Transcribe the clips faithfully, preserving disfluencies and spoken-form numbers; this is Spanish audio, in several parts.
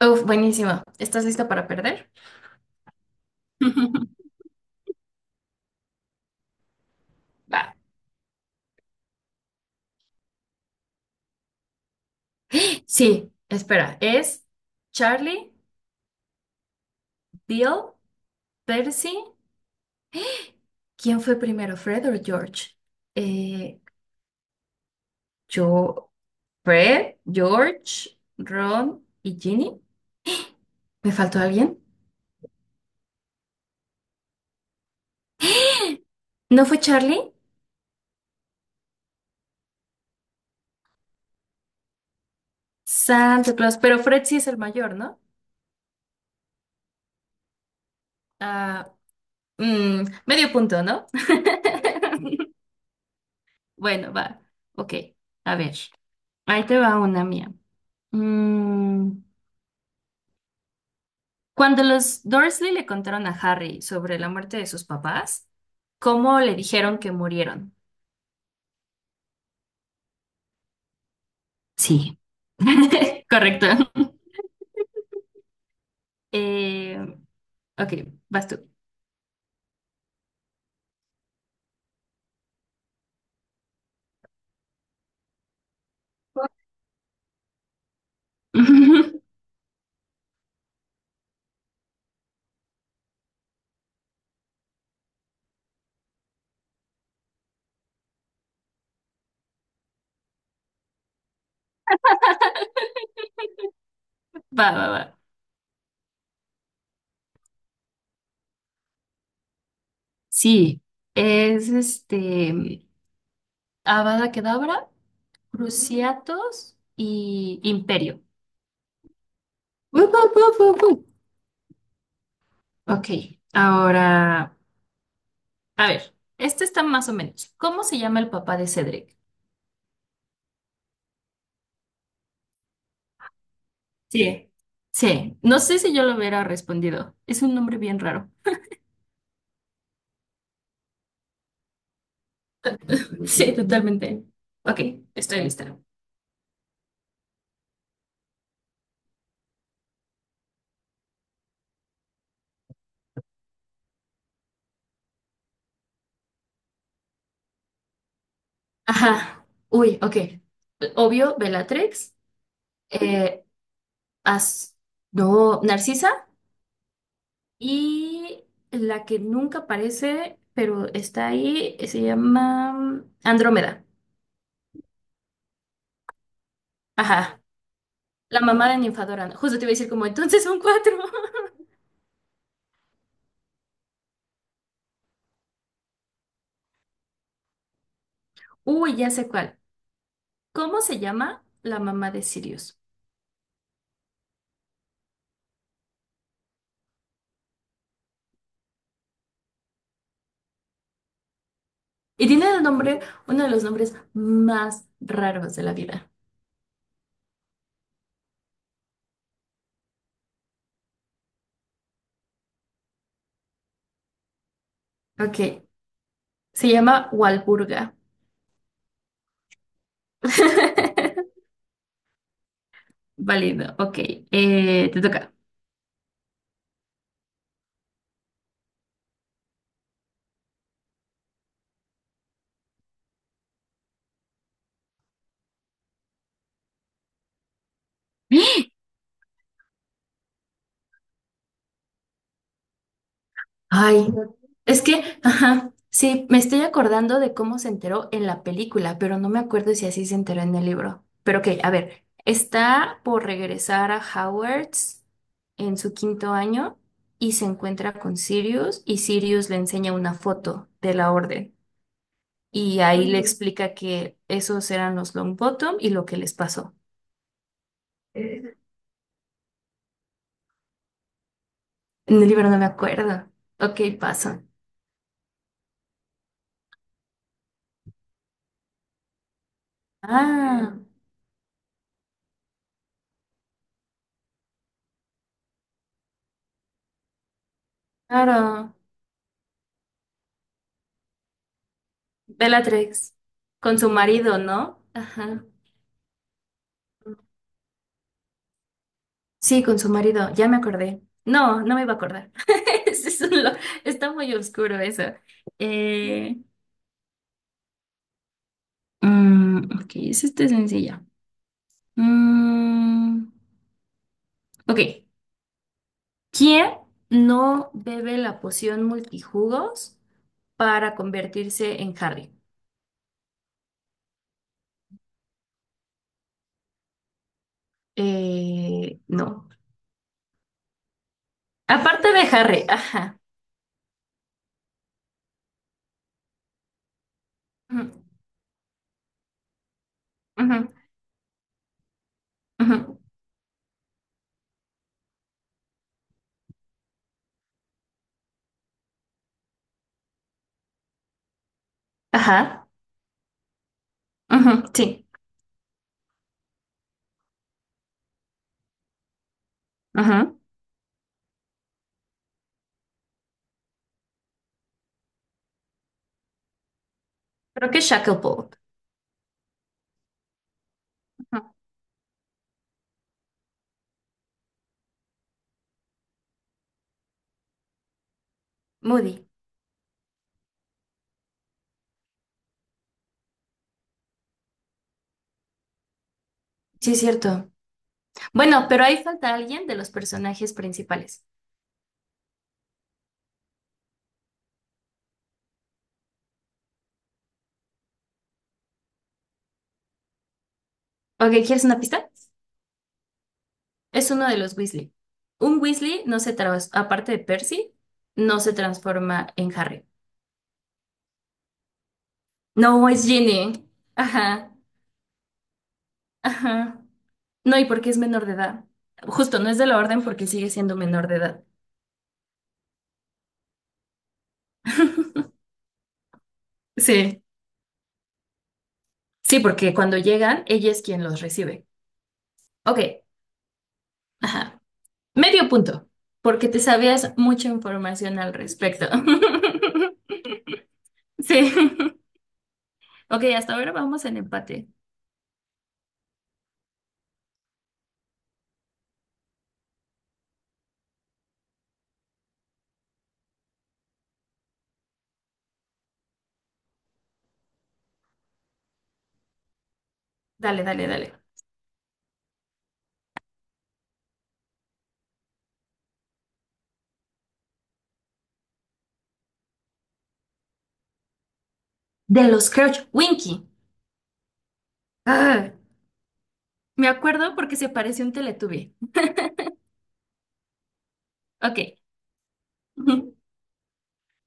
Uf, buenísimo. ¿Estás lista para perder? Va. Sí, espera. Es Charlie, Bill, Percy. ¿Quién fue primero, Fred o George? Eh, yo, Fred, George, Ron y Ginny. ¿Me faltó alguien? ¿No fue Charlie? Santa Claus, pero Fred sí es el mayor, ¿no? Ah, mm, Medio punto, ¿no? Bueno, va. Ok, a ver. Ahí te va una mía. Mm, Cuando los Dursley le contaron a Harry sobre la muerte de sus papás, ¿cómo le dijeron que murieron? Sí. Correcto. Eh, ok, vas tú. Va, va, va. Sí, es este Avada Kedavra, Cruciatus y Imperio. Wup, wup, wup, wup, wup. Ok, ahora, a ver, este está más o menos. ¿Cómo se llama el papá de Cedric? Sí, sí. No sé si yo lo hubiera respondido. Es un nombre bien raro. Sí, totalmente. Ok, estoy lista. Ajá. Uy, ok. Obvio, Bellatrix. eh, As- No, Narcisa. Y la que nunca aparece, pero está ahí, se llama Andrómeda. Ajá. La mamá de Ninfadora. Justo te iba a decir como, entonces son cuatro. Uy, ya sé cuál. ¿Cómo se llama la mamá de Sirius? Y tiene el nombre, uno de los nombres más raros de la vida. Ok, se llama Walburga. Válido, ok. Eh, te toca. Ay, es que, ajá, sí, me estoy acordando de cómo se enteró en la película, pero no me acuerdo si así se enteró en el libro. Pero ok, a ver, está por regresar a Hogwarts en su quinto año y se encuentra con Sirius y Sirius le enseña una foto de la orden. Y ahí le explica que esos eran los long bottom y lo que les pasó. En el libro no me acuerdo. Ok, pasa. Ah, claro. Bellatrix. Con su marido, ¿no? Ajá. Sí, con su marido. Ya me acordé. No, no me iba a acordar. Es- un lo- Está muy oscuro eso. Eh, mm, ok, es este sencilla. Mm, ok. ¿Quién no bebe la poción multijugos para convertirse en Harry? Eh, no. Aparte de Harry, ajá. Ujú, ujú, ujú. Ajá. Ujú, sí. Ujú. Creo que Shacklebolt. Ujú, Moody. Sí, es cierto. Bueno, pero ahí falta alguien de los personajes principales. Ok, ¿quieres una pista? Es uno de los Weasley. Un Weasley no se trans- Aparte de Percy, no se transforma en Harry. No, es Ginny. Ajá. Ajá. No, y porque es menor de edad. Justo, no es de la orden porque sigue siendo menor de edad. Sí, sí, porque cuando llegan, ella es quien los recibe. Ok, ajá. Medio punto, porque te sabías mucha información al respecto. Sí. Ok, hasta ahora vamos en empate. Dale, dale, dale. De los Crouch Winky. Ah, me acuerdo porque se parece un Teletubby. Ok.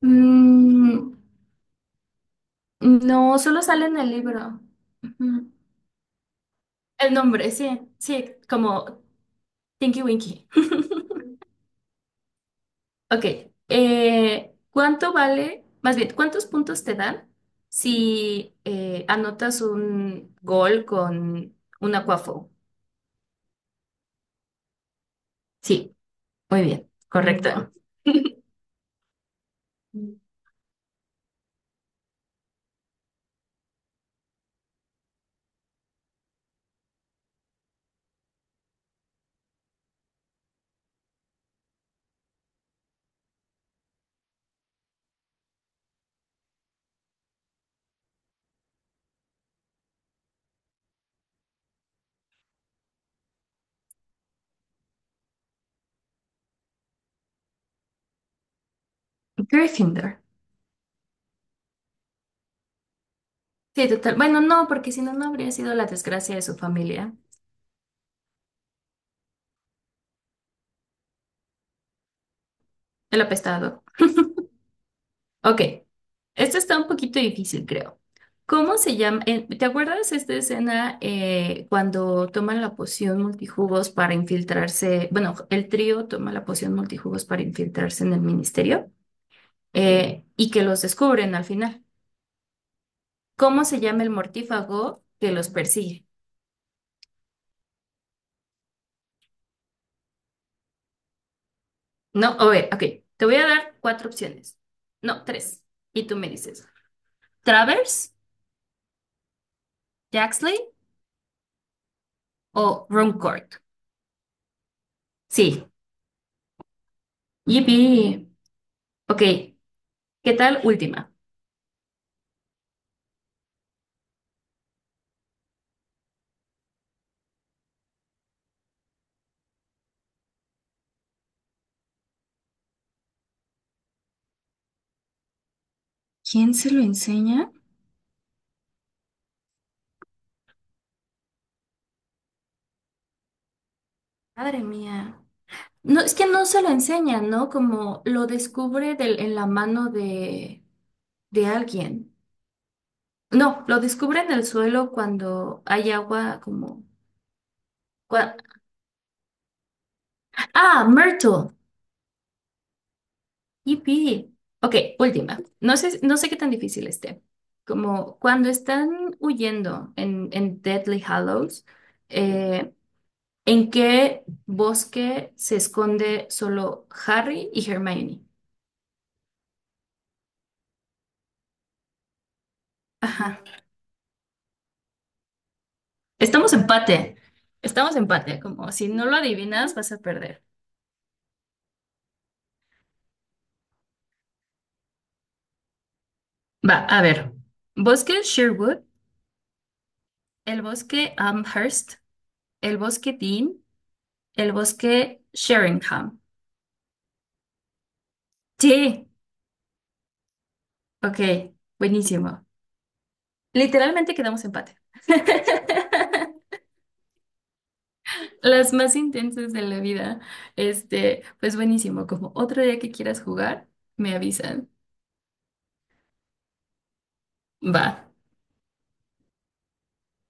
Mm, no, solo sale en el libro. Ujú. El nombre, sí, sí, como Tinky Winky. Ok, eh, ¿cuánto vale, más bien, cuántos puntos te dan si eh, anotas un gol con un Quaffle? Sí, muy bien, correcto. Gryffindor. Sí, total. Bueno, no, porque si no, no habría sido la desgracia de su familia, el apestado. Ok, esto está un poquito difícil, creo. ¿Cómo se llama? eh, ¿Te acuerdas esta escena eh, cuando toman la poción multijugos para infiltrarse? Bueno, el trío toma la poción multijugos para infiltrarse en el ministerio eh, y que los descubren al final. ¿Cómo se llama el mortífago que los persigue? No, a ver, ok, te voy a dar cuatro opciones. No, tres. Y tú me dices, ¿Travers, Jaxley o Runcorn? Sí, yippee. Ok, ¿qué tal? Última. ¿Quién se lo enseña? Madre mía. No, es que no se lo enseña, ¿no? Como lo descubre del- en la mano de, de alguien. No, lo descubre en el suelo cuando hay agua como... cua- Ah, Myrtle. Yipi. Ok, última. No sé, no sé qué tan difícil esté. Como cuando están huyendo en, en Deathly Hallows, eh, ¿en qué bosque se esconde solo Harry y Hermione? Ajá. Estamos empate. Estamos empate. Como si no lo adivinas, vas a perder. Va, a ver. Bosque Sherwood, el bosque Amherst, el bosque Dean, el bosque Sheringham. Sí. Ok, buenísimo. Literalmente quedamos empate. Las más intensas de la vida. Este, pues buenísimo. Como otro día que quieras jugar, me avisan. Va.